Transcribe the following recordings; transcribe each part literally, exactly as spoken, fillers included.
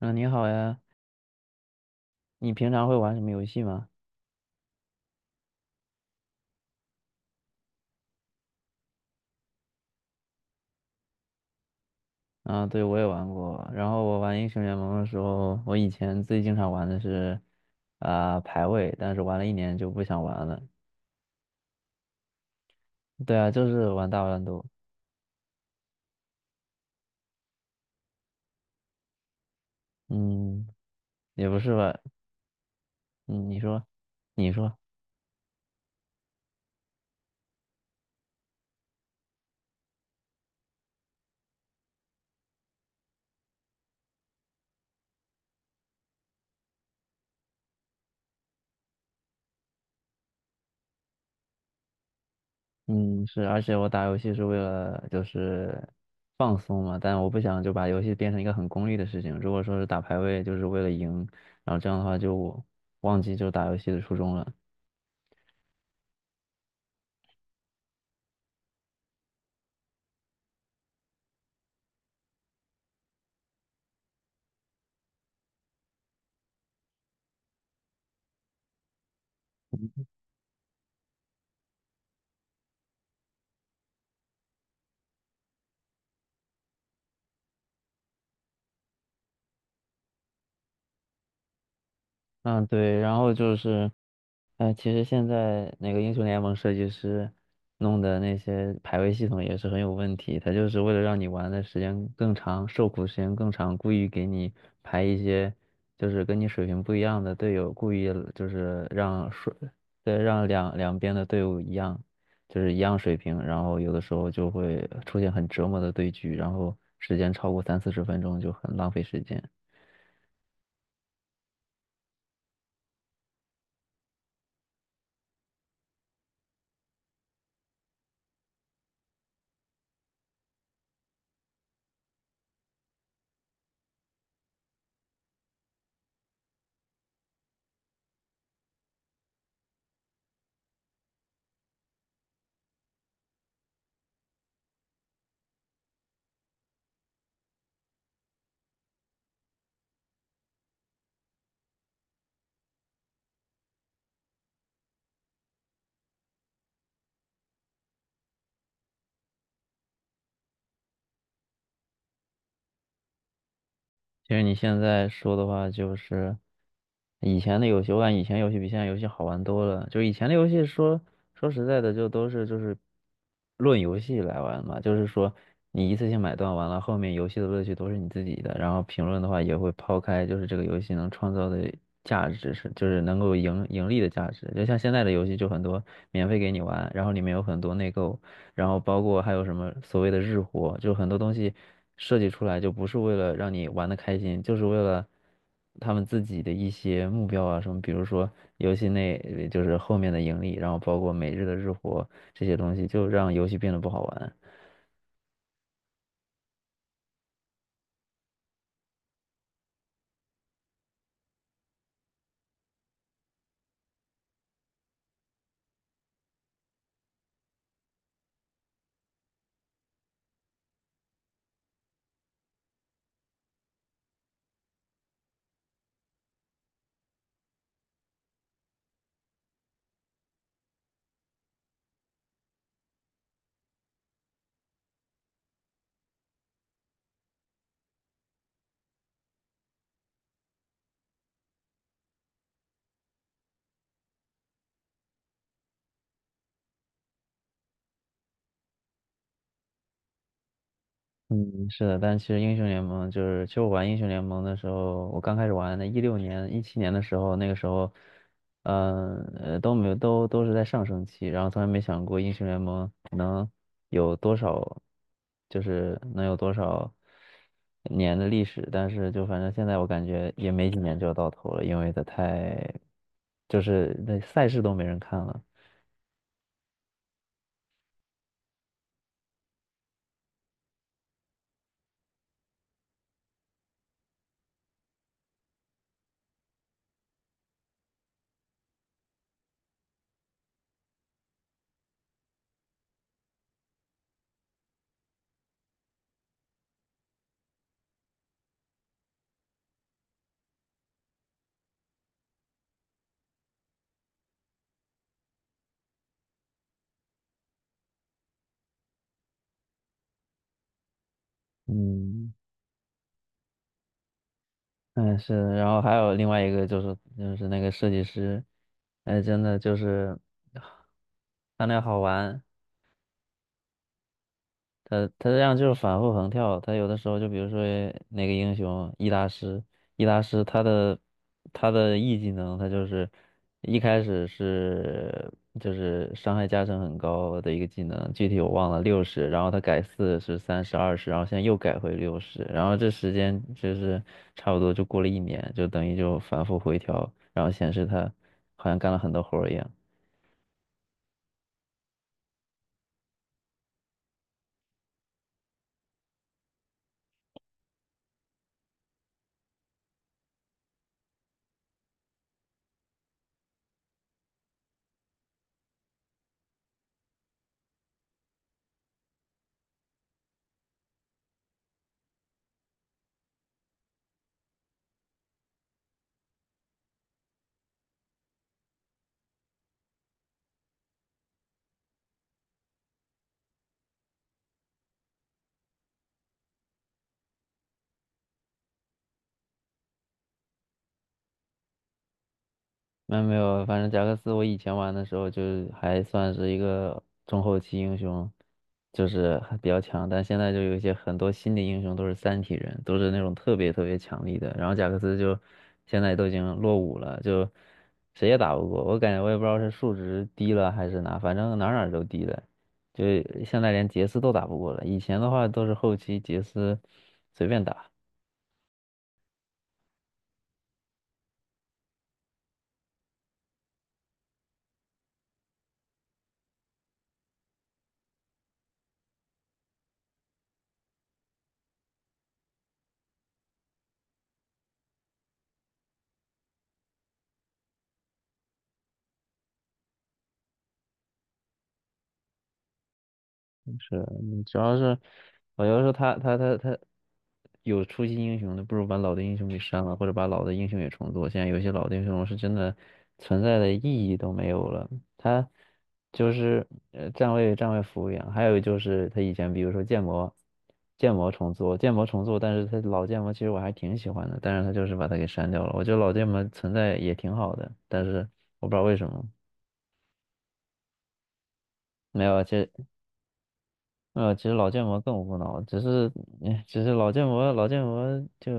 嗯，你好呀，你平常会玩什么游戏吗？啊，对，我也玩过。然后我玩英雄联盟的时候，我以前最经常玩的是，啊、排位，但是玩了一年就不想玩了。对啊，就是玩大乱斗。嗯，也不是吧？嗯，你说，你说，嗯，是，而且我打游戏是为了就是放松嘛，但我不想就把游戏变成一个很功利的事情。如果说是打排位，就是为了赢，然后这样的话就忘记就打游戏的初衷了。嗯，对，然后就是，呃，其实现在那个英雄联盟设计师弄的那些排位系统也是很有问题，他就是为了让你玩的时间更长，受苦时间更长，故意给你排一些就是跟你水平不一样的队友，故意就是让水，对，让两两边的队伍一样，就是一样水平，然后有的时候就会出现很折磨的对局，然后时间超过三四十分钟就很浪费时间。其实你现在说的话，就是以前的游戏，我感觉以前游戏比现在游戏好玩多了。就以前的游戏说，说实在的，就都是就是论游戏来玩嘛，就是说你一次性买断完了，后面游戏的乐趣都是你自己的。然后评论的话也会抛开，就是这个游戏能创造的价值是，就是能够盈盈利的价值。就像现在的游戏就很多免费给你玩，然后里面有很多内购。然后包括还有什么所谓的日活，就很多东西设计出来就不是为了让你玩的开心，就是为了他们自己的一些目标啊什么，比如说游戏内就是后面的盈利，然后包括每日的日活这些东西，就让游戏变得不好玩。嗯，是的，但其实英雄联盟就是，其实我玩英雄联盟的时候，我刚开始玩的，一六年、一七年的时候，那个时候，嗯呃，都没有，都都是在上升期，然后从来没想过英雄联盟能有多少，就是能有多少年的历史，但是就反正现在我感觉也没几年就要到头了，因为它太，就是那赛事都没人看了，嗯。嗯，是然后还有另外一个就是就是那个设计师，哎，真的就是啊他那好玩，他他这样就是反复横跳，他有的时候就比如说那个英雄伊大师伊大师他的他的 E 技能，他就是一开始是就是伤害加成很高的一个技能，具体我忘了六十，然后他改四十、三十、二十，然后现在又改回六十，然后这时间就是差不多就过了一年，就等于就反复回调，然后显示他好像干了很多活儿一样。没有没有，反正贾克斯我以前玩的时候就是还算是一个中后期英雄，就是还比较强，但现在就有一些很多新的英雄都是三体人，都是那种特别特别强力的，然后贾克斯就现在都已经落伍了，就谁也打不过，我感觉我也不知道是数值低了还是哪，反正哪儿哪儿都低了，就现在连杰斯都打不过了，以前的话都是后期杰斯随便打。是，嗯主要是我要是他他他他有出新英雄的，不如把老的英雄给删了，或者把老的英雄也重做。现在有些老的英雄是真的存在的意义都没有了，他就是呃站位站位服务员，还有就是他以前比如说建模建模重做，建模重做，但是他老建模其实我还挺喜欢的，但是他就是把它给删掉了。我觉得老建模存在也挺好的，但是我不知道为什么没有，其实呃，其实老剑魔更无脑，只是，哎只是老剑魔老剑魔就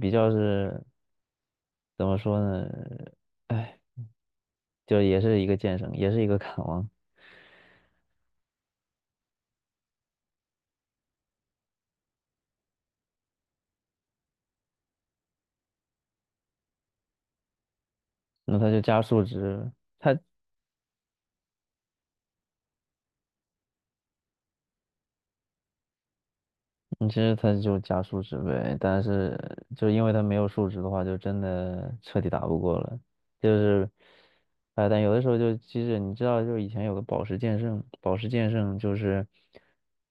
比较是怎么说呢？哎，就也是一个剑圣，也是一个砍王，那他就加数值，嗯其实他就加数值呗。但是就因为他没有数值的话，就真的彻底打不过了。就是，哎，但有的时候就，其实你知道，就是以前有个宝石剑圣，宝石剑圣就是，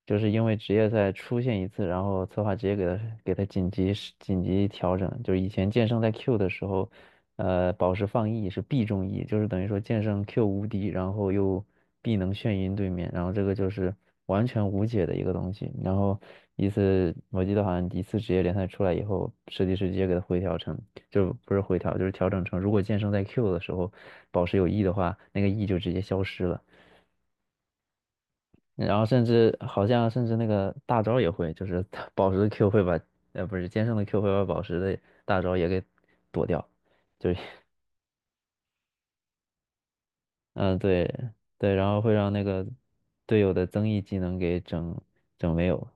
就是因为职业赛出现一次，然后策划直接给他给他紧急紧急调整，就是以前剑圣在 Q 的时候，呃，宝石放 E 是必中 E，就是等于说剑圣 Q 无敌，然后又必能眩晕对面，然后这个就是完全无解的一个东西。然后一次我记得好像一次职业联赛出来以后，设计师直接给他回调成。就不是回调，就是调整成如果剑圣在 Q 的时候宝石有 E 的话，那个 E 就直接消失了。然后甚至好像甚至那个大招也会，就是 它宝石的 Q 会把，呃，不是剑圣的 Q 会把宝石的大招也给躲掉，就是嗯对对，然后会让那个队友的增益技能给整整没有，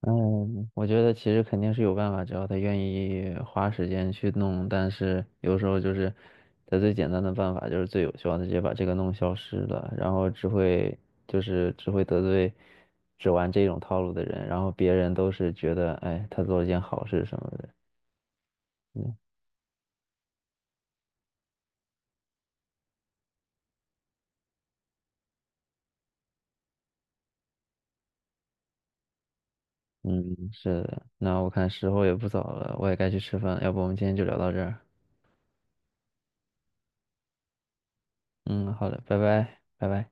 嗯，我觉得其实肯定是有办法，只要他愿意花时间去弄。但是有时候就是，他最简单的办法就是最有效的，直接把这个弄消失了，然后只会就是只会得罪只玩这种套路的人，然后别人都是觉得，哎，他做了件好事什么的。嗯嗯，是的。那我看时候也不早了，我也该去吃饭了，要不我们今天就聊到这儿。嗯，好的，拜拜，拜拜。